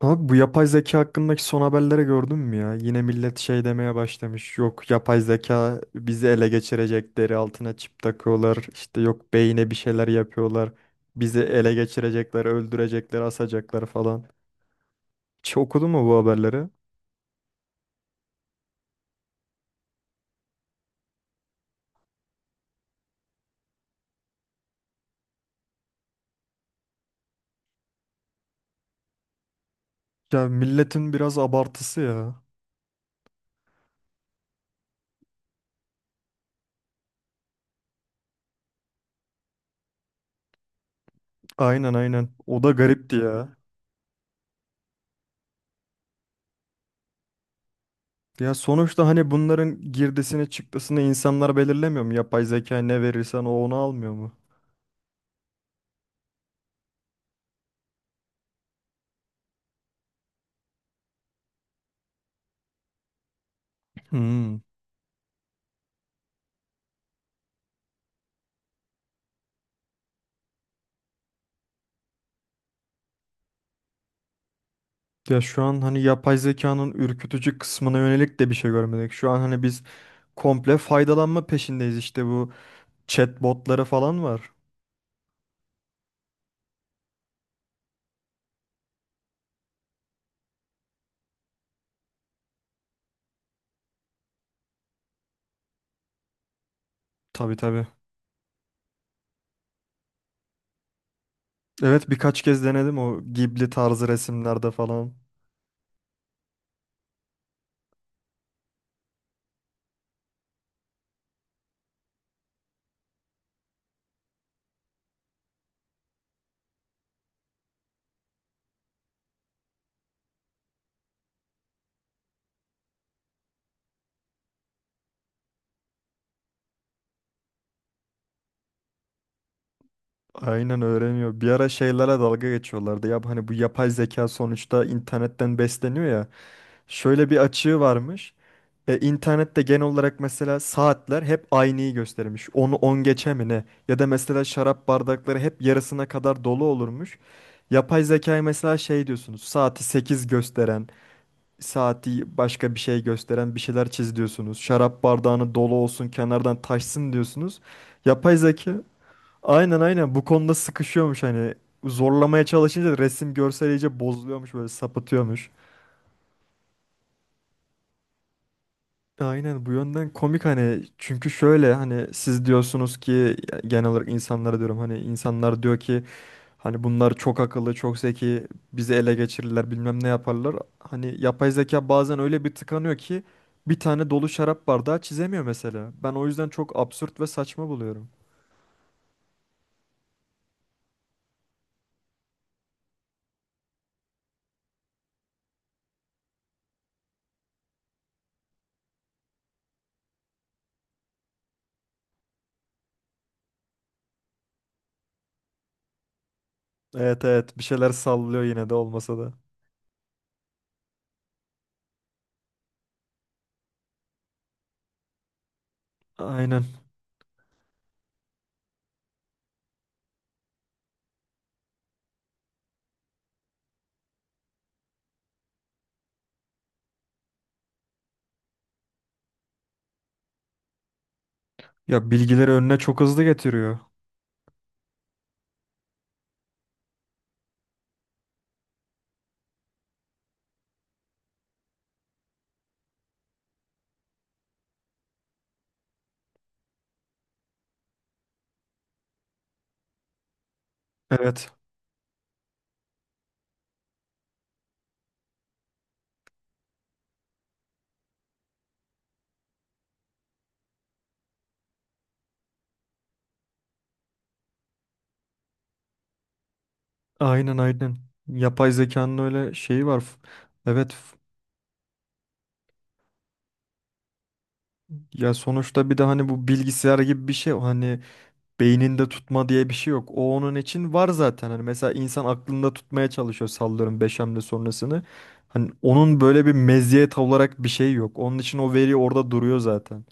Abi bu yapay zeka hakkındaki son haberlere gördün mü ya? Yine millet şey demeye başlamış. Yok yapay zeka bizi ele geçirecek. Deri altına çip takıyorlar. İşte yok beyine bir şeyler yapıyorlar. Bizi ele geçirecekler, öldürecekler, asacaklar falan. Hiç okudun mu bu haberleri? Ya milletin biraz abartısı ya. Aynen aynen. O da garipti ya. Ya sonuçta hani bunların girdisini çıktısını insanlar belirlemiyor mu? Yapay zeka ne verirsen o onu almıyor mu? Hmm. Ya şu an hani yapay zekanın ürkütücü kısmına yönelik de bir şey görmedik. Şu an hani biz komple faydalanma peşindeyiz, işte bu chatbotları falan var. Tabii tabii. Evet, birkaç kez denedim o Ghibli tarzı resimlerde falan. Aynen öğreniyor. Bir ara şeylere dalga geçiyorlardı. Ya hani bu yapay zeka sonuçta internetten besleniyor ya. Şöyle bir açığı varmış. İnternette genel olarak mesela saatler hep aynıyı göstermiş. Onu 10 geçe mi ne? Ya da mesela şarap bardakları hep yarısına kadar dolu olurmuş. Yapay zekayı mesela şey diyorsunuz. Saati 8 gösteren, saati başka bir şey gösteren bir şeyler çiz diyorsunuz. Şarap bardağını dolu olsun, kenardan taşsın diyorsunuz. Yapay zeka aynen aynen bu konuda sıkışıyormuş hani. Zorlamaya çalışınca resim görsel iyice bozuluyormuş, böyle sapıtıyormuş. Aynen, bu yönden komik hani, çünkü şöyle hani siz diyorsunuz ki, genel olarak insanlara diyorum, hani insanlar diyor ki hani bunlar çok akıllı, çok zeki, bizi ele geçirirler bilmem ne yaparlar. Hani yapay zeka bazen öyle bir tıkanıyor ki bir tane dolu şarap bardağı çizemiyor mesela. Ben o yüzden çok absürt ve saçma buluyorum. Evet evet, bir şeyler sallıyor yine de olmasa da. Aynen, ya bilgileri önüne çok hızlı getiriyor. Evet, aynen aynen, yapay zekanın öyle şeyi var. Evet. Ya sonuçta bir de hani bu bilgisayar gibi bir şey, hani beyninde tutma diye bir şey yok. O onun için var zaten. Hani mesela insan aklında tutmaya çalışıyor sallıyorum 5 hamle sonrasını. Hani onun böyle bir meziyet olarak bir şey yok. Onun için o veri orada duruyor zaten.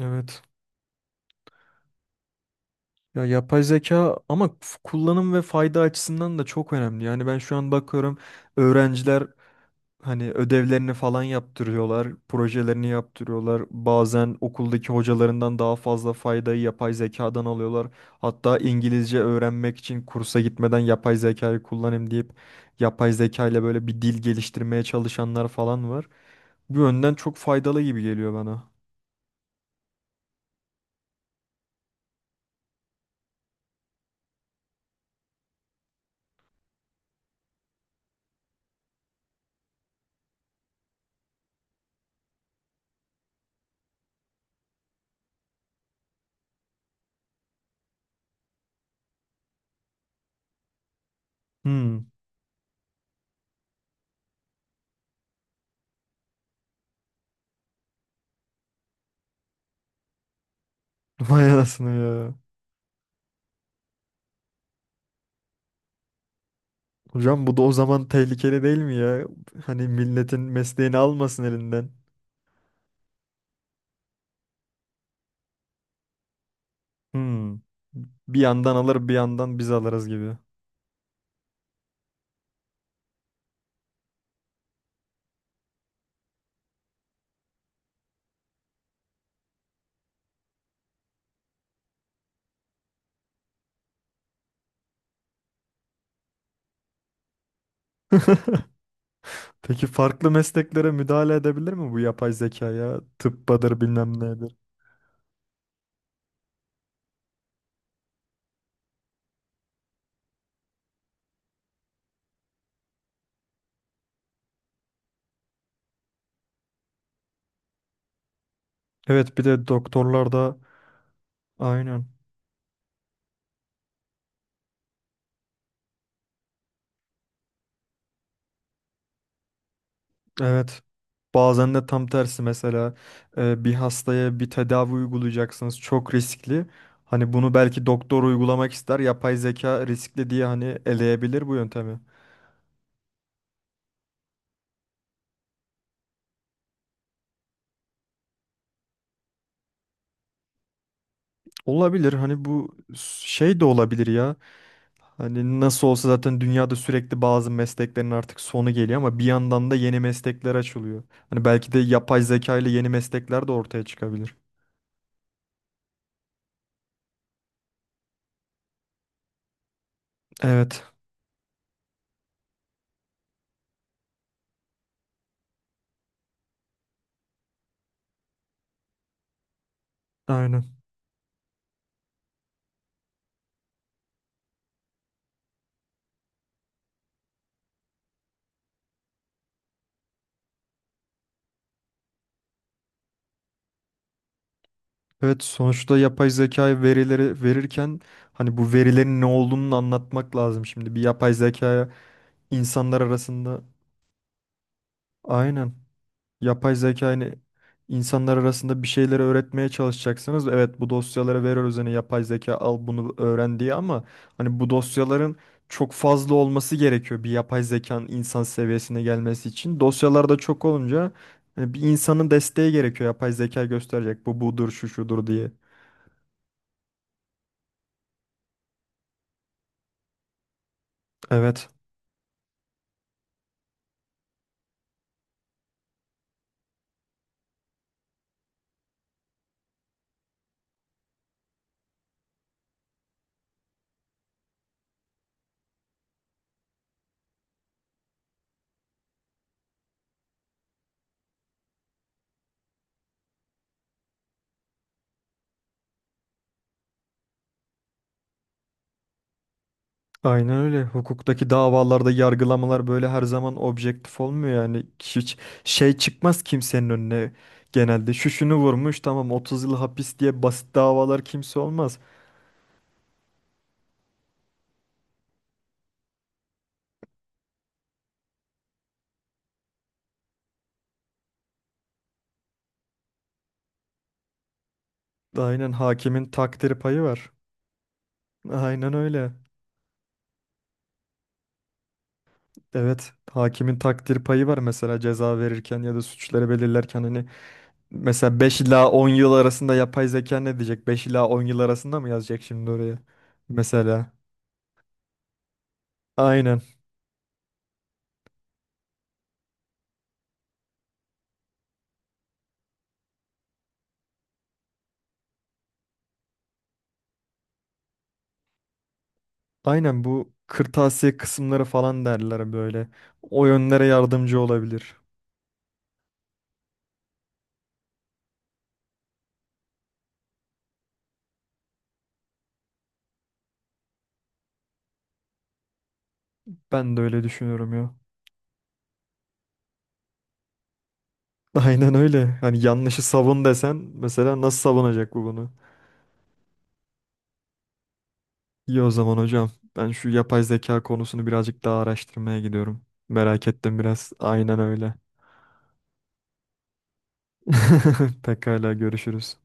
Evet. Ya yapay zeka ama kullanım ve fayda açısından da çok önemli. Yani ben şu an bakıyorum öğrenciler hani ödevlerini falan yaptırıyorlar, projelerini yaptırıyorlar. Bazen okuldaki hocalarından daha fazla faydayı yapay zekadan alıyorlar. Hatta İngilizce öğrenmek için kursa gitmeden yapay zekayı kullanayım deyip yapay zeka ile böyle bir dil geliştirmeye çalışanlar falan var. Bu yönden çok faydalı gibi geliyor bana. Hmm. Vay anasını ya. Hocam bu da o zaman tehlikeli değil mi ya? Hani milletin mesleğini almasın elinden. Hmm. Bir yandan alır bir yandan biz alırız gibi. Peki farklı mesleklere müdahale edebilir mi bu yapay zekaya? Tıbbadır bilmem nedir. Evet, bir de doktorlar da aynen. Evet. Bazen de tam tersi mesela, bir hastaya bir tedavi uygulayacaksınız çok riskli. Hani bunu belki doktor uygulamak ister, yapay zeka riskli diye hani eleyebilir bu yöntemi. Olabilir, hani bu şey de olabilir ya. Hani nasıl olsa zaten dünyada sürekli bazı mesleklerin artık sonu geliyor ama bir yandan da yeni meslekler açılıyor. Hani belki de yapay zeka ile yeni meslekler de ortaya çıkabilir. Evet, aynen. Evet, sonuçta yapay zeka verileri verirken hani bu verilerin ne olduğunu anlatmak lazım şimdi. Bir yapay zekaya insanlar arasında, aynen, yapay zeka hani insanlar arasında bir şeyleri öğretmeye çalışacaksınız. Evet, bu dosyalara veriyoruz hani yapay zeka al bunu öğren diye, ama hani bu dosyaların çok fazla olması gerekiyor bir yapay zekanın insan seviyesine gelmesi için. Dosyalarda çok olunca hani bir insanın desteği gerekiyor, yapay zeka gösterecek bu budur şu şudur diye. Evet. Aynen öyle. Hukuktaki davalarda yargılamalar böyle her zaman objektif olmuyor yani. Hiç şey çıkmaz kimsenin önüne genelde. Şu şunu vurmuş tamam 30 yıl hapis diye basit davalar kimse olmaz. Aynen, hakimin takdir payı var. Aynen öyle. Evet, hakimin takdir payı var mesela ceza verirken ya da suçları belirlerken, hani mesela 5 ila 10 yıl arasında, yapay zeka ne diyecek? 5 ila 10 yıl arasında mı yazacak şimdi oraya? Mesela. Aynen. Aynen bu kırtasiye kısımları falan derler böyle. O yönlere yardımcı olabilir. Ben de öyle düşünüyorum ya. Aynen öyle. Hani yanlışı savun desen mesela nasıl savunacak bu bunu? İyi, o zaman hocam. Ben şu yapay zeka konusunu birazcık daha araştırmaya gidiyorum. Merak ettim biraz. Aynen öyle. Pekala, görüşürüz.